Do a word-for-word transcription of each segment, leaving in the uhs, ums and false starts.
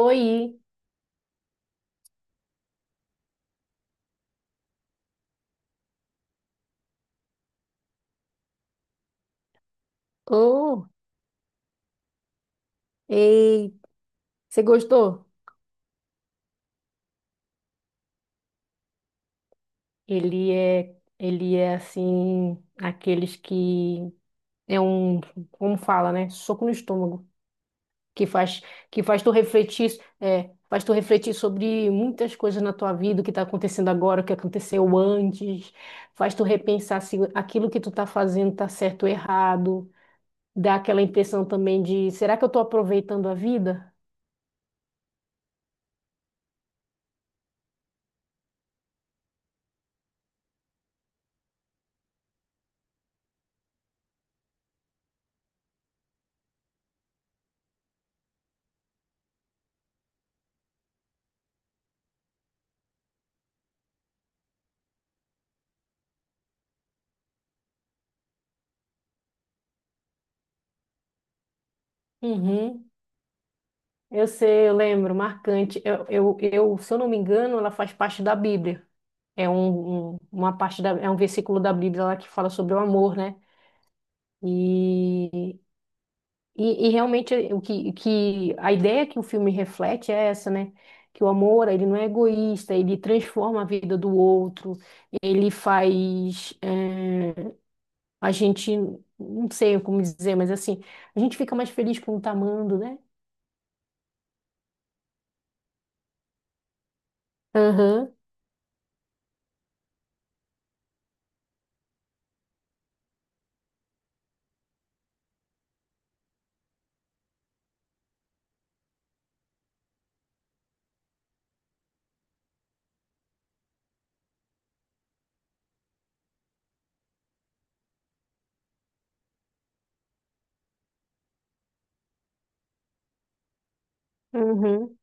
Oi. Oh, ei, você gostou? Ele é, ele é assim, aqueles que é um, como fala, né? Soco no estômago, que faz, que faz tu refletir, é, faz tu refletir sobre muitas coisas na tua vida, o que tá acontecendo agora, o que aconteceu antes, faz tu repensar se aquilo que tu tá fazendo tá certo ou errado, dá aquela impressão também de, será que eu tô aproveitando a vida? Uhum. Eu sei, eu lembro, marcante. Eu, eu, eu, se eu não me engano, ela faz parte da Bíblia. É um, um- uma parte da, é um versículo da Bíblia lá que fala sobre o amor, né? E, e, e realmente o que, que a ideia que o filme reflete é essa, né? Que o amor, ele não é egoísta, ele transforma a vida do outro, ele faz eh, a gente, não sei como dizer, mas assim, a gente fica mais feliz quando tá amando, né? Aham, uhum.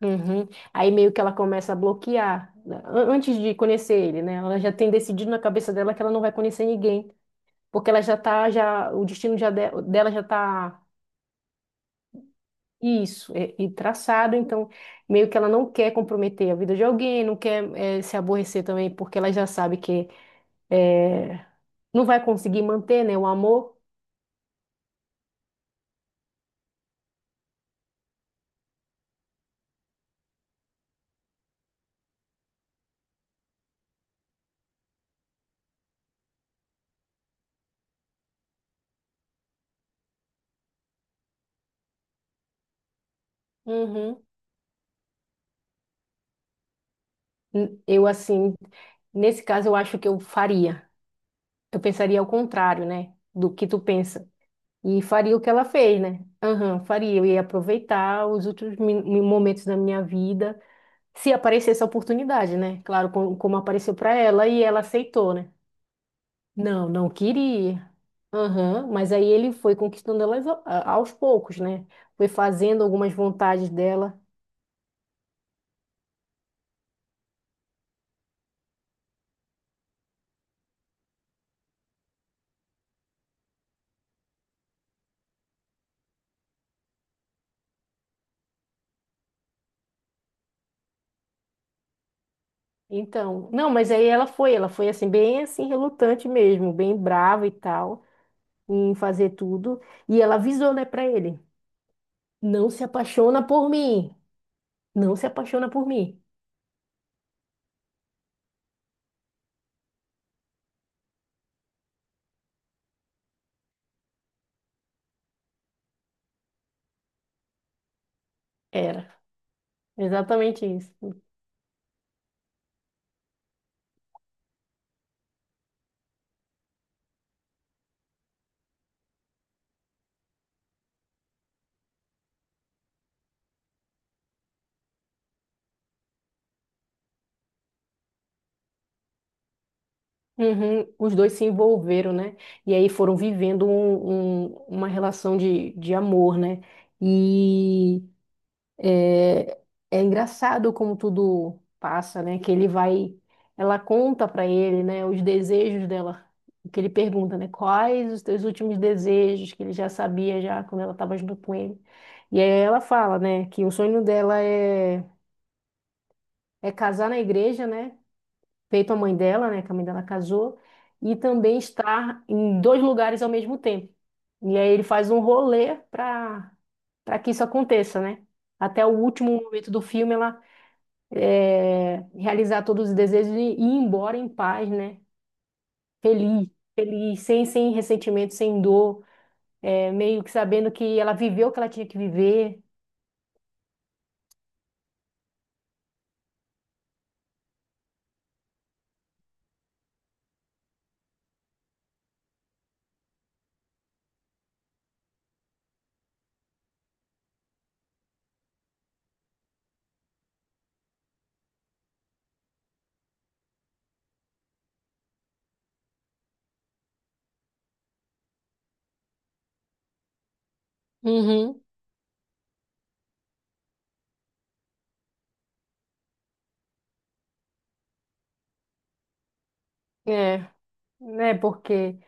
Uhum. Aí meio que ela começa a bloquear, né? An- antes de conhecer ele, né? Ela já tem decidido na cabeça dela que ela não vai conhecer ninguém, porque ela já tá, já, o destino já de- dela já tá isso, é, e traçado, então meio que ela não quer comprometer a vida de alguém, não quer eh, se aborrecer também, porque ela já sabe que eh, não vai conseguir manter, né, o amor. Uhum. N- Eu assim, nesse caso eu acho que eu faria, eu pensaria ao contrário, né, do que tu pensa. E faria o que ela fez, né? Aham, faria. Eu ia aproveitar os últimos mi- mi- momentos da minha vida, se aparecesse a oportunidade, né? Claro, com- como apareceu para ela e ela aceitou, né? Não, não queria. Aham, mas aí ele foi conquistando ela aos poucos, né? Foi fazendo algumas vontades dela. Então, não, mas aí ela foi, ela foi assim, bem assim, relutante mesmo, bem brava e tal, em fazer tudo. E ela avisou, né, pra ele: não se apaixona por mim. Não se apaixona por mim. Era. Exatamente isso. Uhum. Os dois se envolveram, né? E aí foram vivendo um- um- uma relação de, de amor, né? E é, é engraçado como tudo passa, né? Que ele vai, ela conta pra ele, né? Os desejos dela, que ele pergunta, né? Quais os teus últimos desejos que ele já sabia já quando ela estava junto com ele. E aí ela fala, né? Que o sonho dela é é casar na igreja, né? Feito a mãe dela, né, que a mãe dela casou, e também estar em dois lugares ao mesmo tempo. E aí ele faz um rolê para para que isso aconteça, né? Até o último momento do filme ela é, realizar todos os desejos e ir embora em paz, né? Feliz, feliz, sem, sem ressentimento, sem dor, é, meio que sabendo que ela viveu o que ela tinha que viver. Uhum. É, né? Porque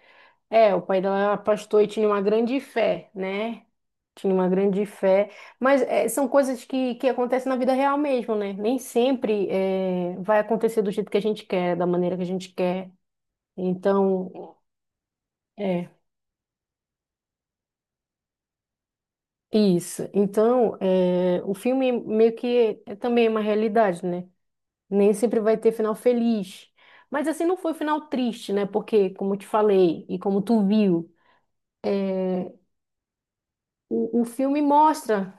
é, o pai dela era pastor e tinha uma grande fé, né? Tinha uma grande fé, mas eh, são coisas que, que acontecem na vida real mesmo, né? Nem sempre eh, vai acontecer do jeito que a gente quer, da maneira que a gente quer. Então, é isso. Então, eh, o filme meio que é também uma realidade, né? Nem sempre vai ter final feliz. Mas assim, não foi final triste, né? Porque, como eu te falei e como tu viu, o, o filme mostra.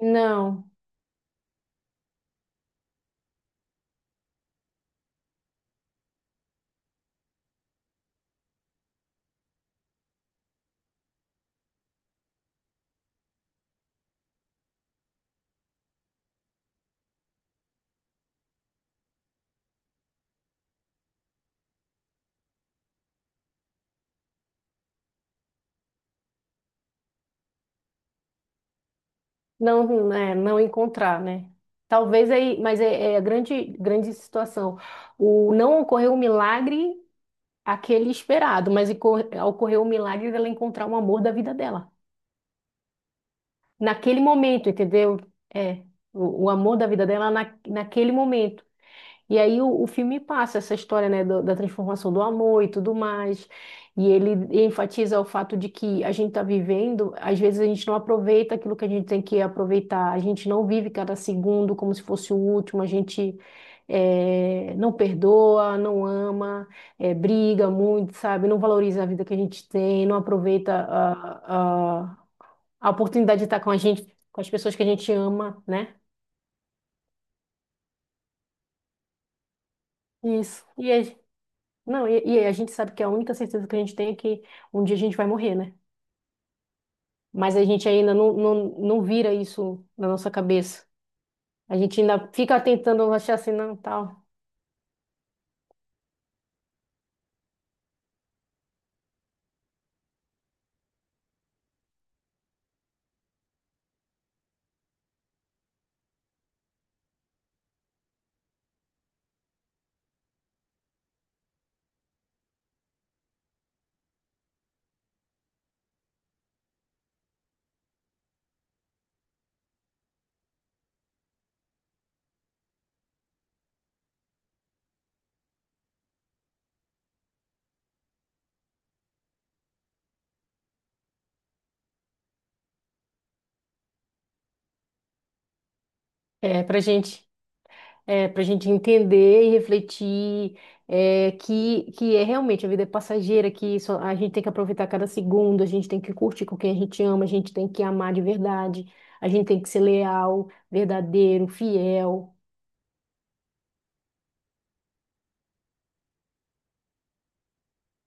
Não. Não, é, não encontrar, né? Talvez aí, mas é, é a grande, grande situação. O, não ocorreu o milagre aquele esperado, mas eco- ocorreu o milagre dela encontrar o amor da vida dela. Naquele momento, entendeu? É, o, o amor da vida dela na, naquele momento. E aí o, o filme passa essa história, né, do- da transformação do amor e tudo mais. E ele enfatiza o fato de que a gente está vivendo, às vezes a gente não aproveita aquilo que a gente tem que aproveitar, a gente não vive cada segundo como se fosse o último, a gente eh, não perdoa, não ama, eh, briga muito, sabe? Não valoriza a vida que a gente tem, não aproveita a, a, a oportunidade de estar com a gente, com as pessoas que a gente ama, né? Isso. E aí, não, e, e a gente sabe que a única certeza que a gente tem é que um dia a gente vai morrer, né? Mas a gente ainda não, não, não vira isso na nossa cabeça. A gente ainda fica tentando achar assim, não, tal. É pra gente, é pra gente entender e refletir é, que, que é realmente a vida é passageira, que só, a gente tem que aproveitar cada segundo, a gente tem que curtir com quem a gente ama, a gente tem que amar de verdade, a gente tem que ser leal, verdadeiro, fiel.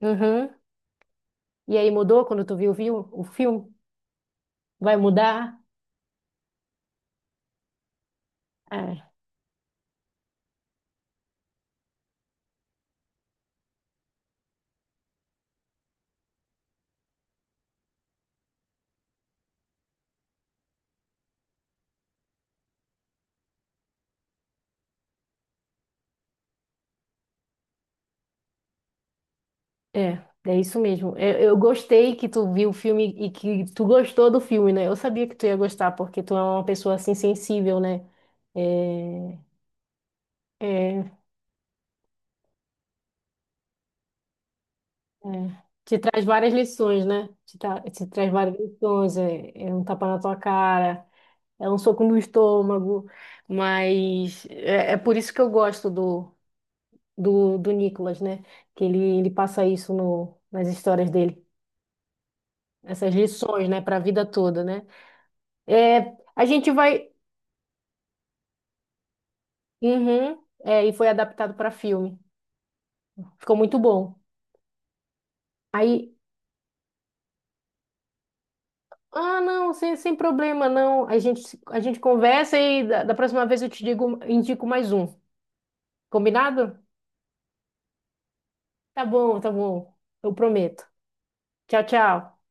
Uhum. E aí mudou quando tu viu, viu o filme? Vai mudar? É, é, é isso mesmo. Eu, eu gostei que tu viu o filme e que tu gostou do filme, né? Eu sabia que tu ia gostar, porque tu é uma pessoa assim sensível, né? É, é, é. Te traz várias lições, né? Te, tra- te traz várias lições. É, é um tapa na tua cara, é um soco no estômago. Mas é, é por isso que eu gosto do, do, do Nicolas, né? Que ele, ele passa isso no, nas histórias dele. Essas lições, né? Para a vida toda, né? É, a gente vai. Uhum. É, e foi adaptado para filme. Ficou muito bom. Aí, ah, não, sem, sem problema, não. A gente, a gente conversa e da, da próxima vez eu te digo, indico mais um. Combinado? Tá bom, tá bom. Eu prometo. Tchau, tchau.